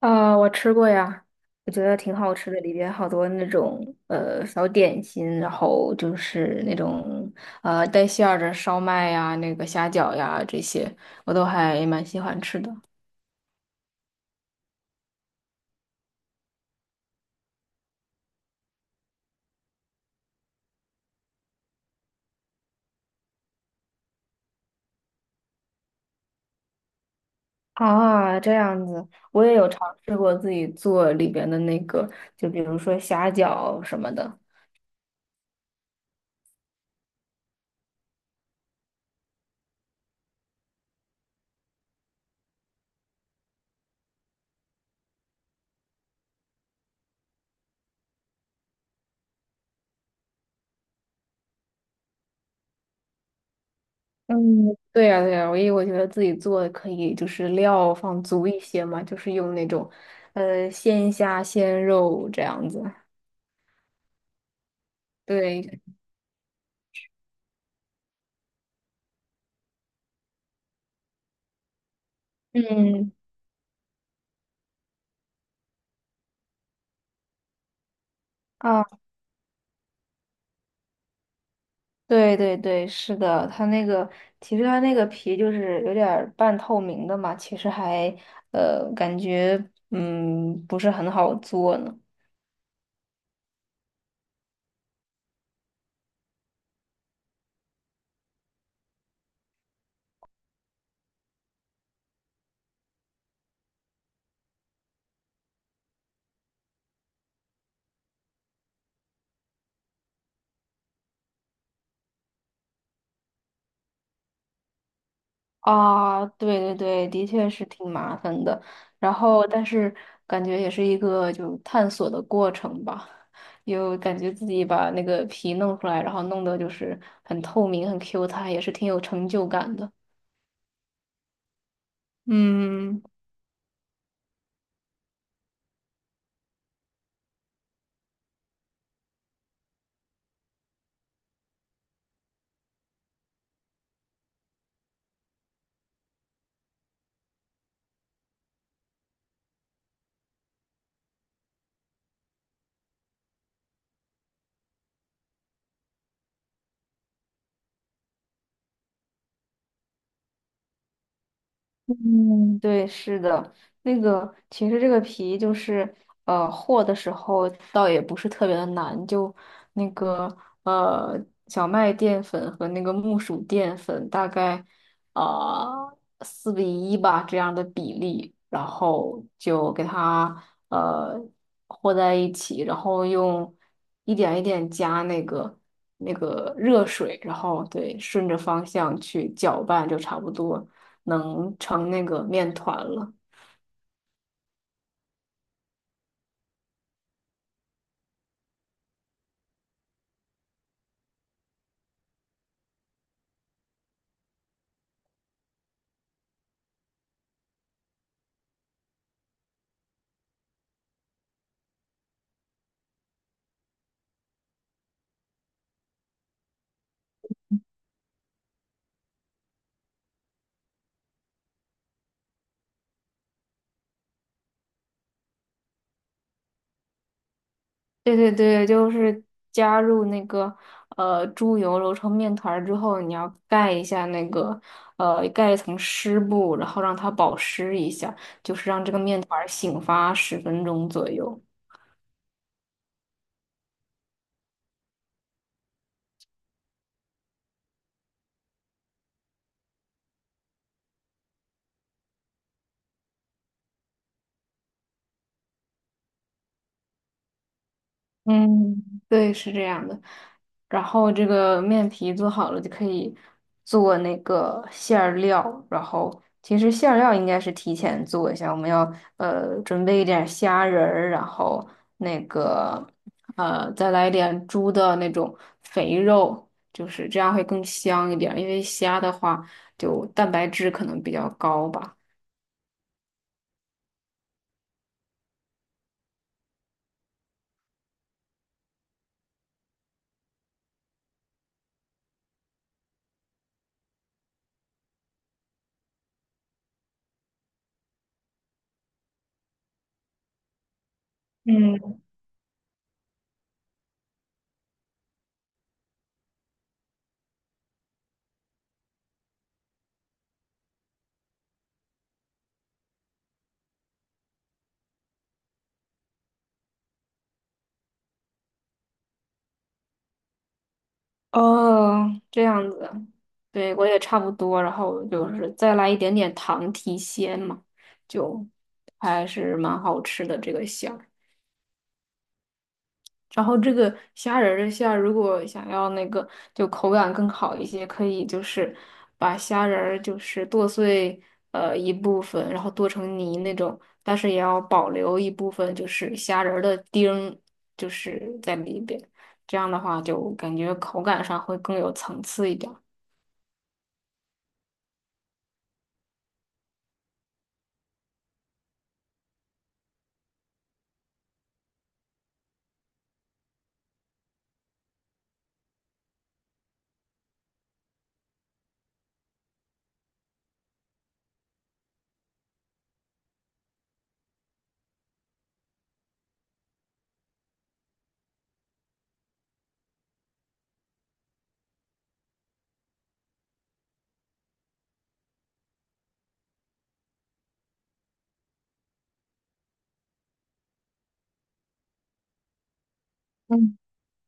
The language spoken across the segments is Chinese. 啊、我吃过呀，我觉得挺好吃的，里边好多那种小点心，然后就是那种带馅儿的烧麦呀、那个虾饺呀这些，我都还蛮喜欢吃的。啊，这样子，我也有尝试过自己做里边的那个，就比如说虾饺什么的。嗯，对呀，对呀，我因为我觉得自己做可以，就是料放足一些嘛，就是用那种鲜虾、鲜肉这样子。对，嗯，啊，对对对，是的，它那个其实它那个皮就是有点儿半透明的嘛，其实还感觉不是很好做呢。啊，对对对，的确是挺麻烦的。然后，但是感觉也是一个就探索的过程吧，又感觉自己把那个皮弄出来，然后弄得就是很透明、很 Q 弹，也是挺有成就感的。嗯。嗯，对，是的，那个其实这个皮就是，和的时候倒也不是特别的难，就那个呃小麦淀粉和那个木薯淀粉大概啊4:1吧这样的比例，然后就给它呃和在一起，然后用一点一点加那个热水，然后对顺着方向去搅拌就差不多。能成那个面团了。对对对，就是加入那个猪油揉成面团儿之后，你要盖一下盖一层湿布，然后让它保湿一下，就是让这个面团儿醒发10分钟左右。嗯，对，是这样的。然后这个面皮做好了就可以做那个馅儿料，然后其实馅儿料应该是提前做一下，我们要准备一点虾仁儿，然后那个再来一点猪的那种肥肉，就是这样会更香一点儿，因为虾的话就蛋白质可能比较高吧。嗯。哦，这样子，对，我也差不多，然后就是再来一点点糖提鲜嘛，就还是蛮好吃的这个馅儿。然后这个虾仁儿的馅儿，如果想要那个就口感更好一些，可以就是把虾仁儿就是剁碎一部分，然后剁成泥那种，但是也要保留一部分就是虾仁儿的丁儿，就是在里边，这样的话就感觉口感上会更有层次一点儿。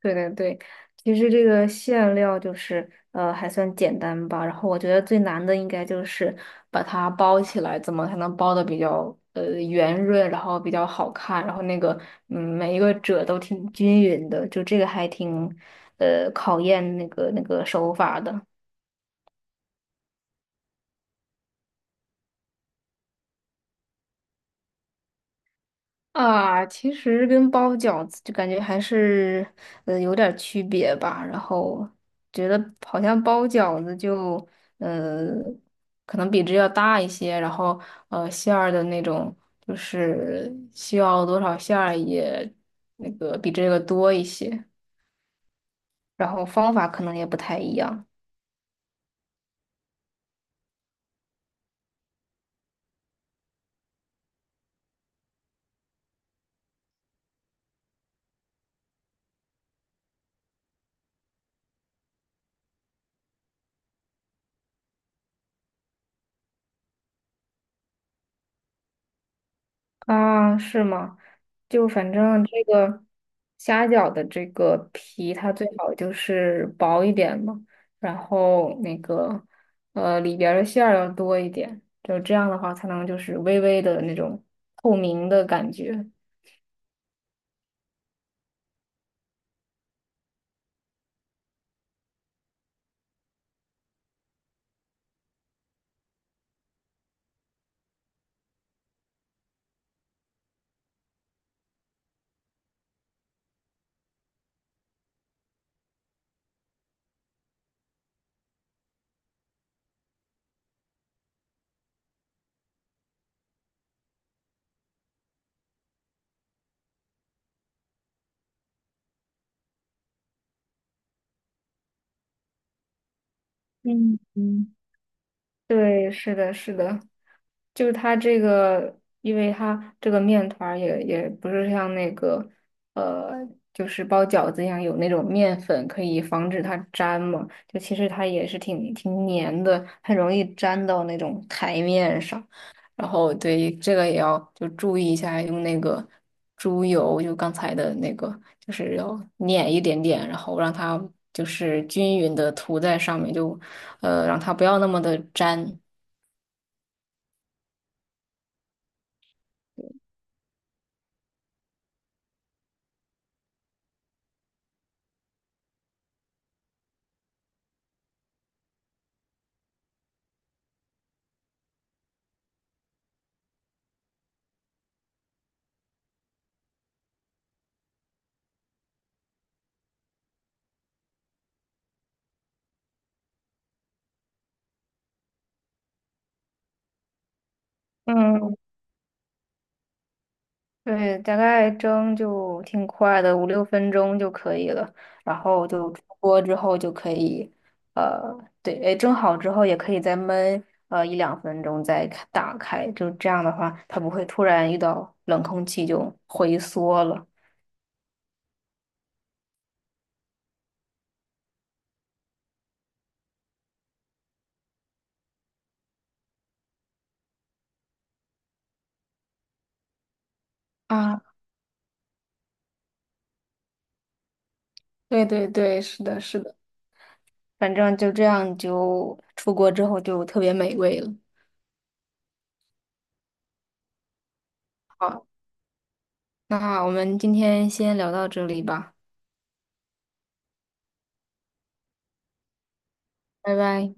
对对对，其实这个馅料就是还算简单吧，然后我觉得最难的应该就是把它包起来，怎么才能包的比较圆润，然后比较好看，然后那个每一个褶都挺均匀的，就这个还挺考验那个手法的。啊，其实跟包饺子就感觉还是有点儿区别吧。然后觉得好像包饺子就呃可能比这要大一些，然后馅儿的那种就是需要多少馅儿也那个比这个多一些，然后方法可能也不太一样。啊，是吗？就反正这个虾饺的这个皮，它最好就是薄一点嘛，然后那个里边儿的馅儿要多一点，就这样的话才能就是微微的那种透明的感觉。嗯嗯。对，是的，是的，就是它这个，因为它这个面团儿也不是像那个，呃，就是包饺子一样有那种面粉可以防止它粘嘛，就其实它也是挺挺粘的，很容易粘到那种台面上。然后对这个也要就注意一下，用那个猪油，就刚才的那个就是要碾一点点，然后让它就是均匀的涂在上面，就让它不要那么的粘。嗯，对，大概蒸就挺快的，5、6分钟就可以了。然后就出锅之后就可以，呃，对，哎，蒸好之后也可以再焖1、2分钟再开打开，就这样的话，它不会突然遇到冷空气就回缩了。啊，对对对，是的，是的。反正就这样，就出国之后就特别美味了。好，那我们今天先聊到这里吧，拜拜。